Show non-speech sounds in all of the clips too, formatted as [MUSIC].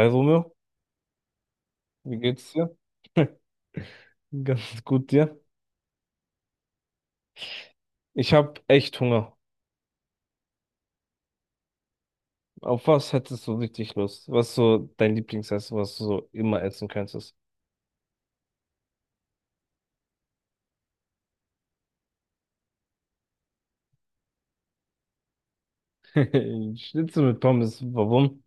Hi Romeo, wie geht's dir? [LAUGHS] Ganz gut dir. Ich habe echt Hunger. Auf was hättest du richtig Lust? Was ist so dein Lieblingsessen, was du so immer essen könntest? [LAUGHS] Schnitzel mit Pommes, warum?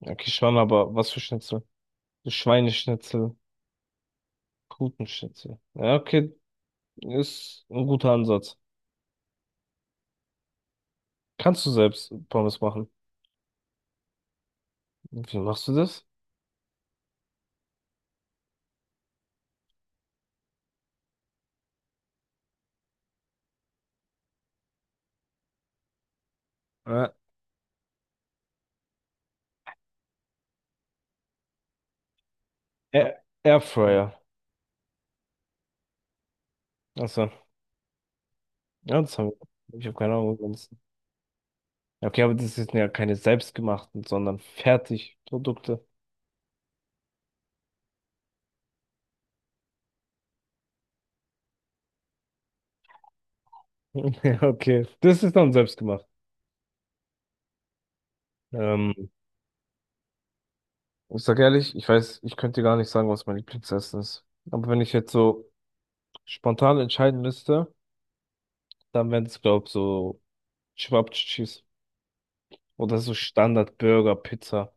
Okay, schon, aber was für Schnitzel? So Schweineschnitzel, Putenschnitzel. Ja, okay, ist ein guter Ansatz. Kannst du selbst Pommes machen? Wie machst du das? Äh, Airfryer. Achso, ja, das haben wir. Ich habe keine Ahnung. Ja, okay, aber das sind ja keine selbstgemachten, sondern Fertigprodukte. [LAUGHS] Ja, okay, das ist dann selbstgemacht. Ähm, ich sag ehrlich, ich weiß, ich könnte dir gar nicht sagen, was mein Lieblingsessen ist. Aber wenn ich jetzt so spontan entscheiden müsste, dann wären es, glaube ich, so Cevapcicis oder so Standard-Burger, Pizza.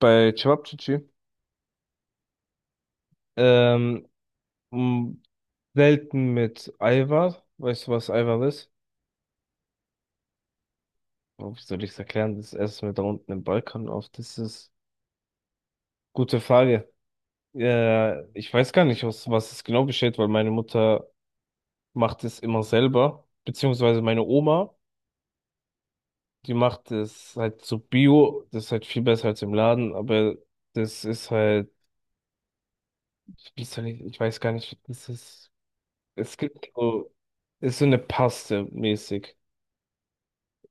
Bei Cevapcici, ähm, mh, selten mit Eiweiß. Weißt du, was Eiweiß ist? Oh, wie soll ich es erklären? Das essen wir da unten im Balkan oft. Das ist gute Frage. Ich weiß gar nicht, aus was es genau besteht, weil meine Mutter macht es immer selber, beziehungsweise meine Oma, die macht es halt so Bio, das ist halt viel besser als im Laden, aber das ist halt, wie soll ich, ich weiß gar nicht, das ist, es gibt so, ist so eine Paste mäßig.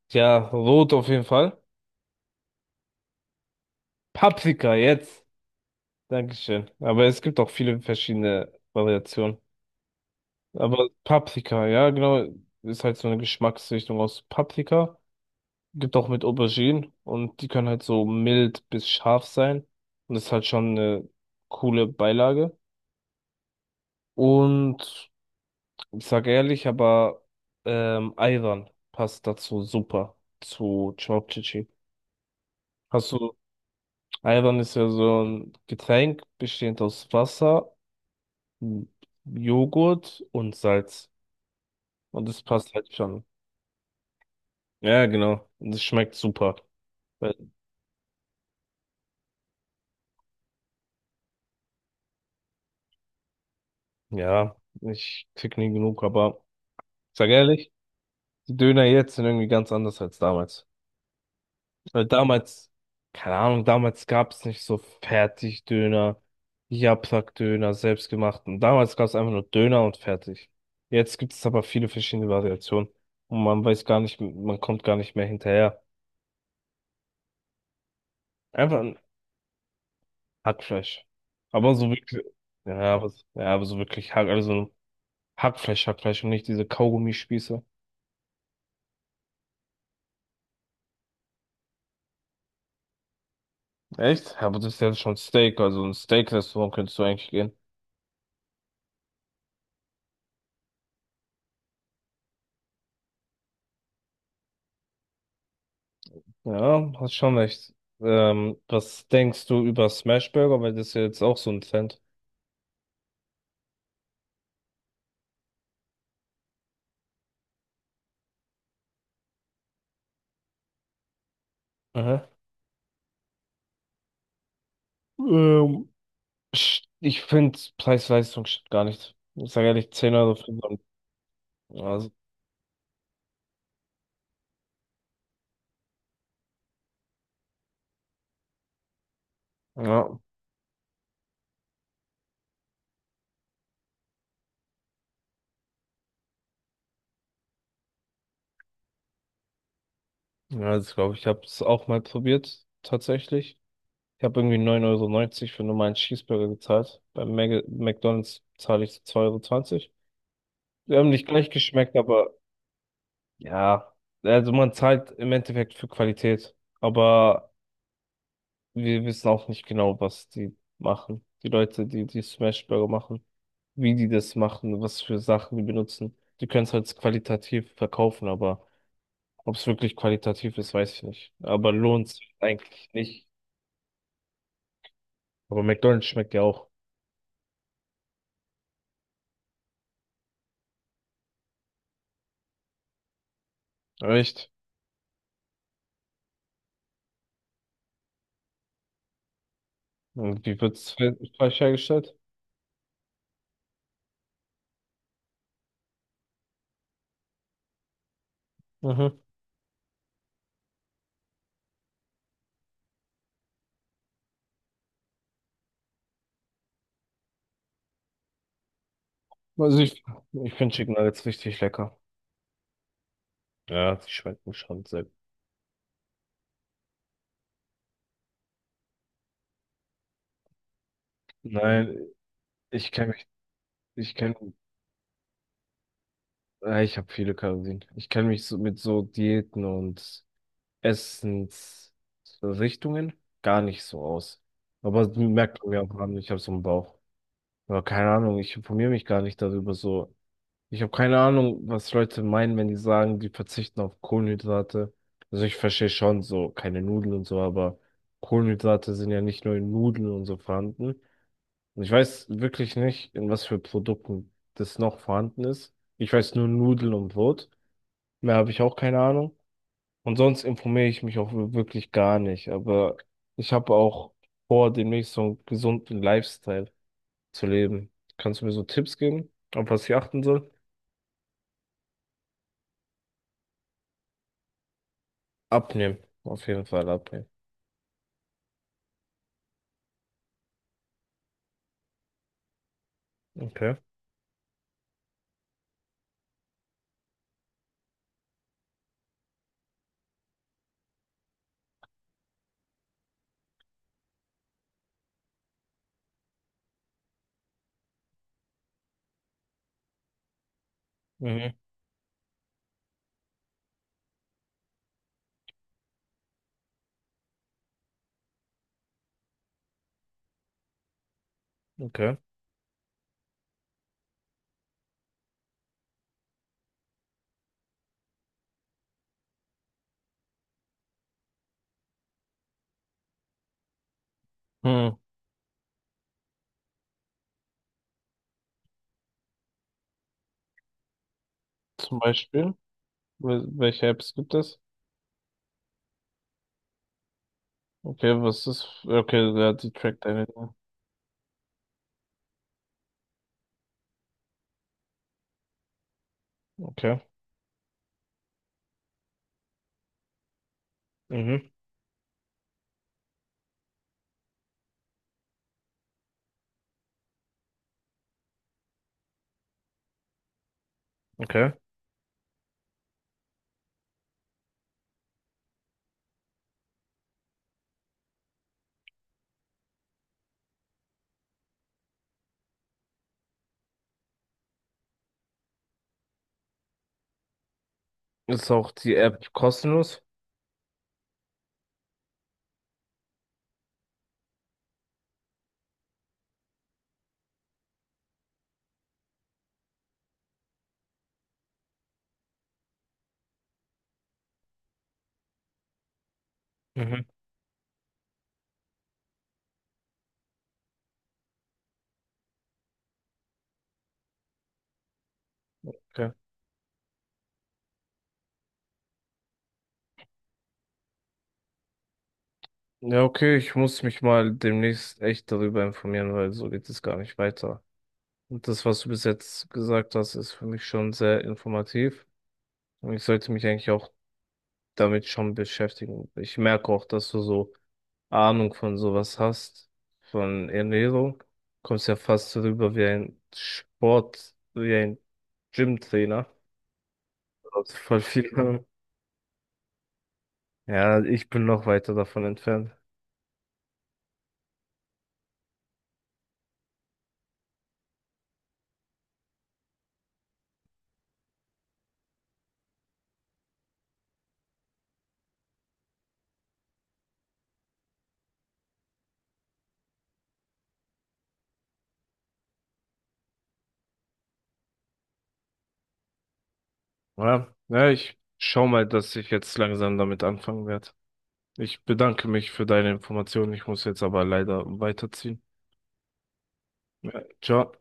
Ja, rot auf jeden Fall. Paprika jetzt. Dankeschön. Aber es gibt auch viele verschiedene Variationen. Aber Paprika, ja, genau, ist halt so eine Geschmacksrichtung aus Paprika. Gibt auch mit Auberginen und die können halt so mild bis scharf sein. Und das ist halt schon eine coole Beilage. Und ich sage ehrlich, aber Ayran passt dazu super zu Chopchichi. Hast du, Ayran ist ja so ein Getränk bestehend aus Wasser, M- Joghurt und Salz. Und das passt halt schon. Ja, genau. Und es schmeckt super. Weil- ja, ich krieg nie genug, aber ich sag ehrlich. Die Döner jetzt sind irgendwie ganz anders als damals. Weil damals, keine Ahnung, damals gab es nicht so Fertigdöner, Japsack-Döner, selbstgemachten. Damals gab es einfach nur Döner und fertig. Jetzt gibt es aber viele verschiedene Variationen. Und man weiß gar nicht, man kommt gar nicht mehr hinterher. Einfach ein Hackfleisch. Aber so wirklich, ja, aber so wirklich Hack, also Hackfleisch, Hackfleisch und nicht diese Kaugummispieße. Echt? Ja, aber das ist ja schon Steak, also ein Steak-Restaurant könntest du eigentlich gehen. Ja, hast schon recht. Was denkst du über Smash Burger? Weil das ist ja jetzt auch so ein Trend. Aha. Ähm, ich finde Preis-Leistung stimmt gar nicht. Ich sage ehrlich, 10 € für so ein- also, ja, ja, das glaube ich. Ich habe es auch mal probiert, tatsächlich. Ich habe irgendwie 9,90 € für normalen Cheeseburger gezahlt. Beim Mag McDonald's zahle ich so zwei Euro zwanzig. Die haben nicht gleich geschmeckt, aber ja, also man zahlt im Endeffekt für Qualität. Aber wir wissen auch nicht genau, was die machen. Die Leute, die die Smash Burger machen, wie die das machen, was für Sachen die benutzen. Die können es halt qualitativ verkaufen, aber ob es wirklich qualitativ ist, weiß ich nicht. Aber lohnt sich eigentlich nicht. Aber McDonald's schmeckt ja auch. Echt? Und wie wird es falsch hergestellt? Mhm. Also ich finde Chicken Nuggets richtig lecker. Ja, die schmecken schon sehr gut. Nein, ich kenne mich, ich kenne, ich habe viele Kalorien. Ich kenne mich so mit so Diäten und Essensrichtungen gar nicht so aus. Aber das merkt man mir auch an, ich habe so einen Bauch. Aber keine Ahnung, ich informiere mich gar nicht darüber so. Ich habe keine Ahnung, was Leute meinen, wenn die sagen, die verzichten auf Kohlenhydrate. Also ich verstehe schon so, keine Nudeln und so, aber Kohlenhydrate sind ja nicht nur in Nudeln und so vorhanden. Und ich weiß wirklich nicht, in was für Produkten das noch vorhanden ist. Ich weiß nur Nudeln und Brot. Mehr habe ich auch keine Ahnung. Und sonst informiere ich mich auch wirklich gar nicht. Aber ich habe auch vor, demnächst so einen gesunden Lifestyle zu leben. Kannst du mir so Tipps geben, auf was ich achten soll? Abnehmen. Auf jeden Fall abnehmen. Okay. Mhm. Okay. Hm. Zum Beispiel, welche Apps gibt es? Okay, was ist? Okay, ja, die trackt deine. Okay. Mhm. Okay. Ist auch die App kostenlos? Mhm. Okay. Ja, okay, ich muss mich mal demnächst echt darüber informieren, weil so geht es gar nicht weiter. Und das, was du bis jetzt gesagt hast, ist für mich schon sehr informativ. Und ich sollte mich eigentlich auch damit schon beschäftigen. Ich merke auch, dass du so Ahnung von sowas hast, von Ernährung. Kommst ja fast rüber wie ein Sport, wie ein Gymtrainer. Also voll viel. Ahnung. Ja, ich bin noch weiter davon entfernt. Ja, ja, ich schau mal, dass ich jetzt langsam damit anfangen werde. Ich bedanke mich für deine Informationen. Ich muss jetzt aber leider weiterziehen. Ciao.